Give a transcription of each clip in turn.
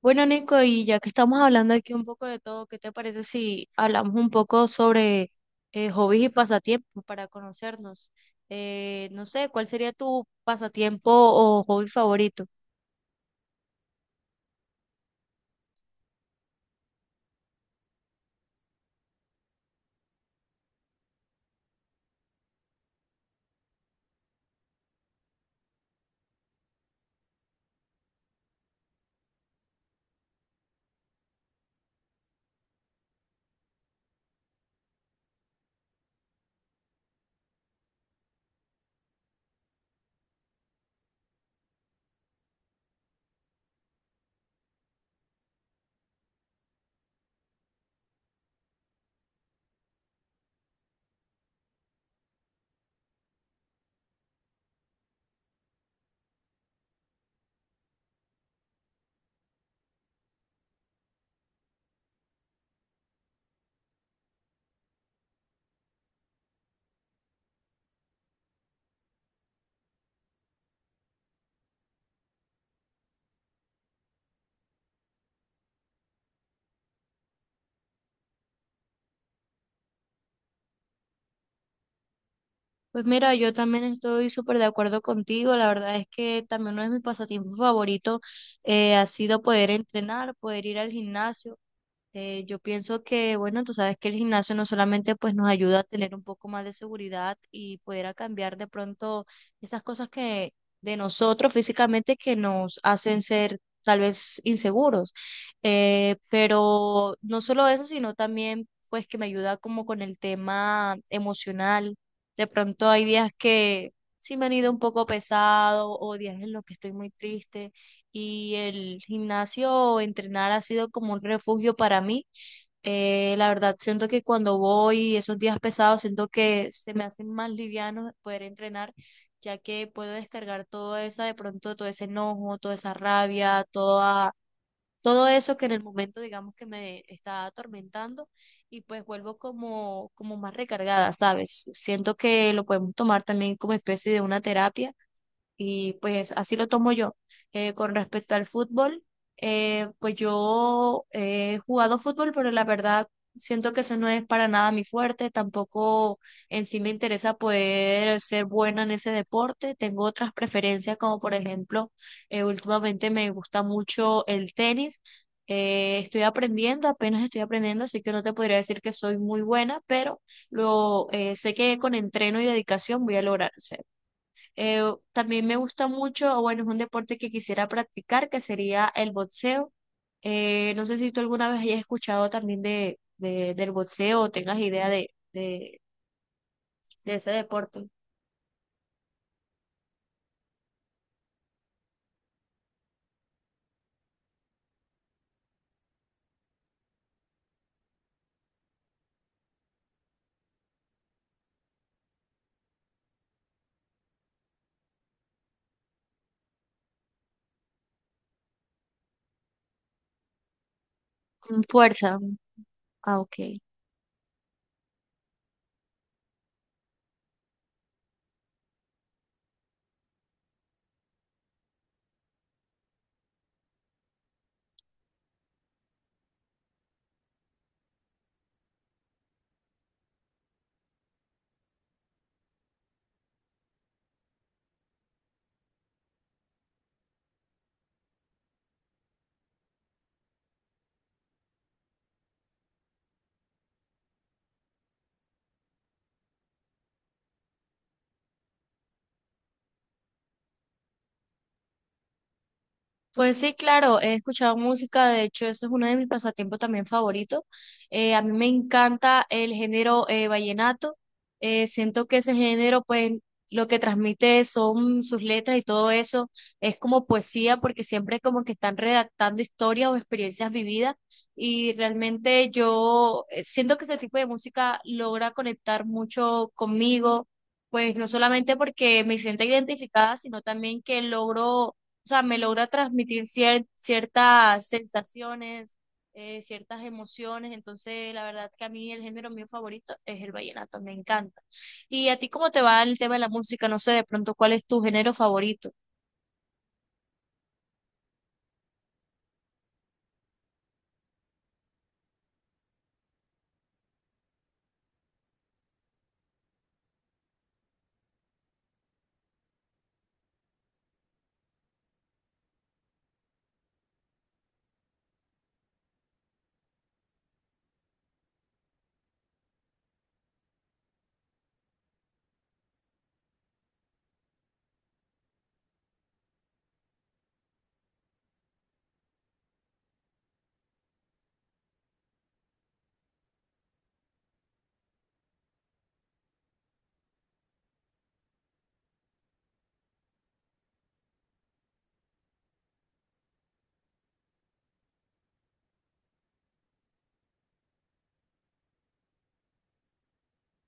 Bueno, Nico, y ya que estamos hablando aquí un poco de todo, ¿qué te parece si hablamos un poco sobre hobbies y pasatiempos para conocernos? No sé, ¿cuál sería tu pasatiempo o hobby favorito? Pues mira, yo también estoy súper de acuerdo contigo. La verdad es que también uno de mis pasatiempos favoritos ha sido poder entrenar, poder ir al gimnasio. Yo pienso que, bueno, tú sabes que el gimnasio no solamente pues nos ayuda a tener un poco más de seguridad y poder a cambiar de pronto esas cosas que de nosotros físicamente que nos hacen ser tal vez inseguros. Pero no solo eso, sino también pues que me ayuda como con el tema emocional. De pronto hay días que sí me han ido un poco pesado o días en los que estoy muy triste y el gimnasio o entrenar ha sido como un refugio para mí. La verdad, siento que cuando voy esos días pesados, siento que se me hacen más livianos poder entrenar, ya que puedo descargar toda esa, de pronto, todo ese enojo, toda esa rabia, toda, todo eso que en el momento, digamos, que me está atormentando y pues vuelvo como, como más recargada, ¿sabes? Siento que lo podemos tomar también como especie de una terapia y pues así lo tomo yo. Con respecto al fútbol, pues yo he jugado fútbol, pero la verdad siento que eso no es para nada mi fuerte. Tampoco en sí me interesa poder ser buena en ese deporte. Tengo otras preferencias, como por ejemplo, últimamente me gusta mucho el tenis. Estoy aprendiendo, apenas estoy aprendiendo, así que no te podría decir que soy muy buena, pero lo sé que con entreno y dedicación voy a lograr. Eh, También me gusta mucho, o bueno, es un deporte que quisiera practicar, que sería el boxeo. No sé si tú alguna vez hayas escuchado también del boxeo o tengas idea de ese deporte. Mm. Fuerza. Ah, ok. Pues sí, claro, he escuchado música, de hecho eso es uno de mis pasatiempos también favoritos. A mí me encanta el género vallenato. Siento que ese género pues lo que transmite son sus letras y todo eso, es como poesía porque siempre como que están redactando historias o experiencias vividas y realmente yo siento que ese tipo de música logra conectar mucho conmigo, pues no solamente porque me siento identificada, sino también que logro o sea, me logra transmitir ciertas sensaciones, ciertas emociones, entonces la verdad que a mí el género mío favorito es el vallenato, me encanta. ¿Y a ti cómo te va el tema de la música? No sé, de pronto, ¿cuál es tu género favorito?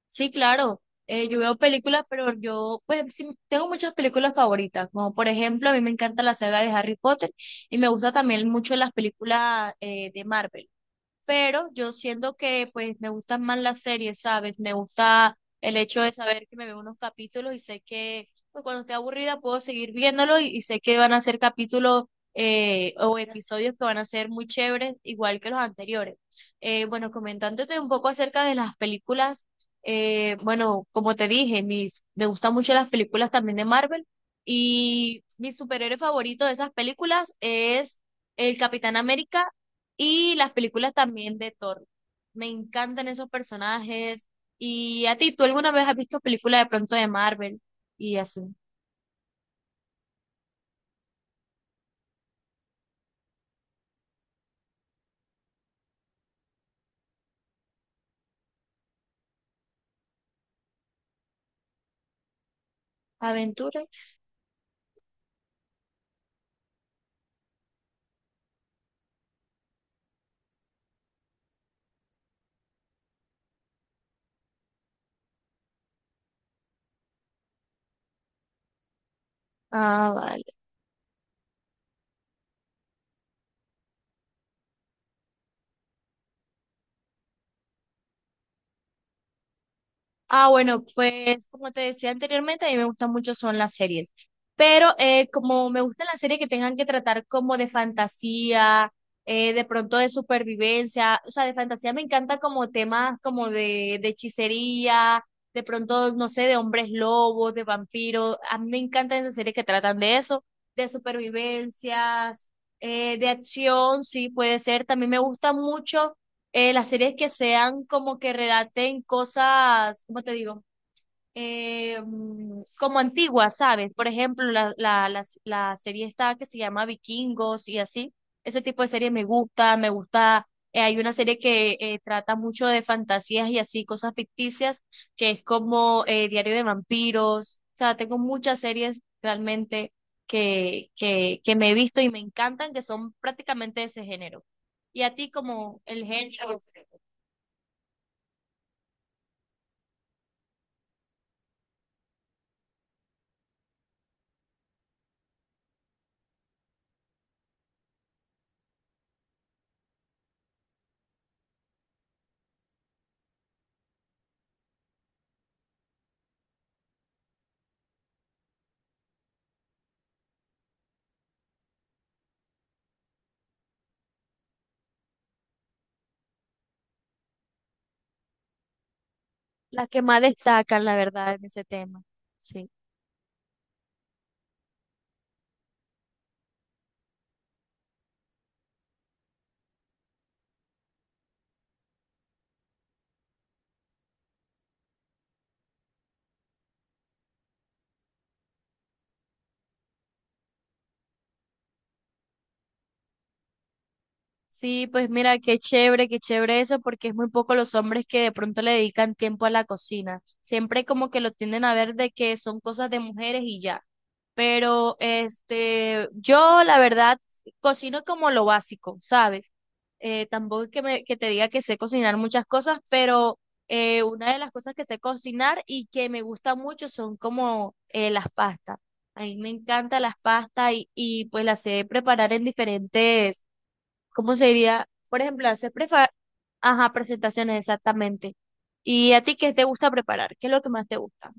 Sí, claro. Yo veo películas, pero yo, pues, sí, tengo muchas películas favoritas, como por ejemplo, a mí me encanta la saga de Harry Potter y me gusta también mucho las películas de Marvel. Pero yo siento que pues me gustan más las series, ¿sabes? Me gusta el hecho de saber que me veo unos capítulos y sé que pues, cuando esté aburrida puedo seguir viéndolo y sé que van a ser capítulos o episodios que van a ser muy chéveres, igual que los anteriores. Bueno, comentándote un poco acerca de las películas, bueno, como te dije, mis, me gustan mucho las películas también de Marvel y mi superhéroe favorito de esas películas es el Capitán América y las películas también de Thor. Me encantan esos personajes. Y a ti, ¿tú alguna vez has visto películas de pronto de Marvel y así? Aventura. Ah, vale. Ah, bueno, pues como te decía anteriormente, a mí me gustan mucho son las series, pero como me gustan las series que tengan que tratar como de fantasía, de pronto de supervivencia, o sea, de fantasía me encanta como temas como de hechicería, de pronto, no sé, de hombres lobos, de vampiros, a mí me encantan esas series que tratan de eso, de supervivencias, de acción, sí, puede ser, también me gusta mucho las series que sean como que redacten cosas, ¿cómo te digo? Como antiguas, ¿sabes? Por ejemplo, la serie esta que se llama Vikingos y así. Ese tipo de series me gusta, me gusta. Hay una serie que trata mucho de fantasías y así, cosas ficticias, que es como Diario de Vampiros. O sea, tengo muchas series realmente que me he visto y me encantan, que son prácticamente de ese género. Y a ti como el género. Las que más destacan, la verdad, en ese tema. Sí. Sí, pues mira, qué chévere eso, porque es muy poco los hombres que de pronto le dedican tiempo a la cocina. Siempre como que lo tienden a ver de que son cosas de mujeres y ya. Pero este, yo la verdad cocino como lo básico, ¿sabes? Tampoco es que me, que te diga que sé cocinar muchas cosas, pero una de las cosas que sé cocinar y que me gusta mucho son como las pastas. A mí me encantan las pastas y pues las sé preparar en diferentes. ¿Cómo sería? Por ejemplo, hacer Ajá, presentaciones exactamente. ¿Y a ti qué te gusta preparar? ¿Qué es lo que más te gusta?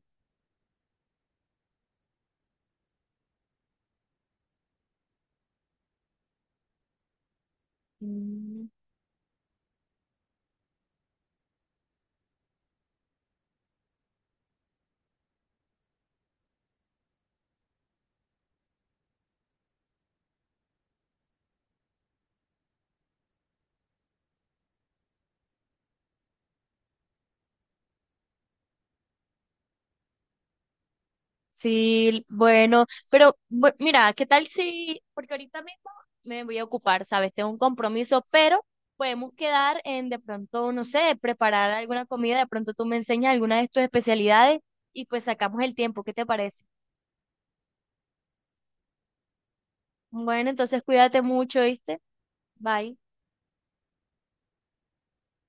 Mm. Sí, bueno, pero mira, ¿qué tal si, porque ahorita mismo me voy a ocupar, ¿sabes? Tengo un compromiso, pero podemos quedar en de pronto, no sé, preparar alguna comida, de pronto tú me enseñas alguna de tus especialidades y pues sacamos el tiempo, ¿qué te parece? Bueno, entonces cuídate mucho, ¿viste? Bye.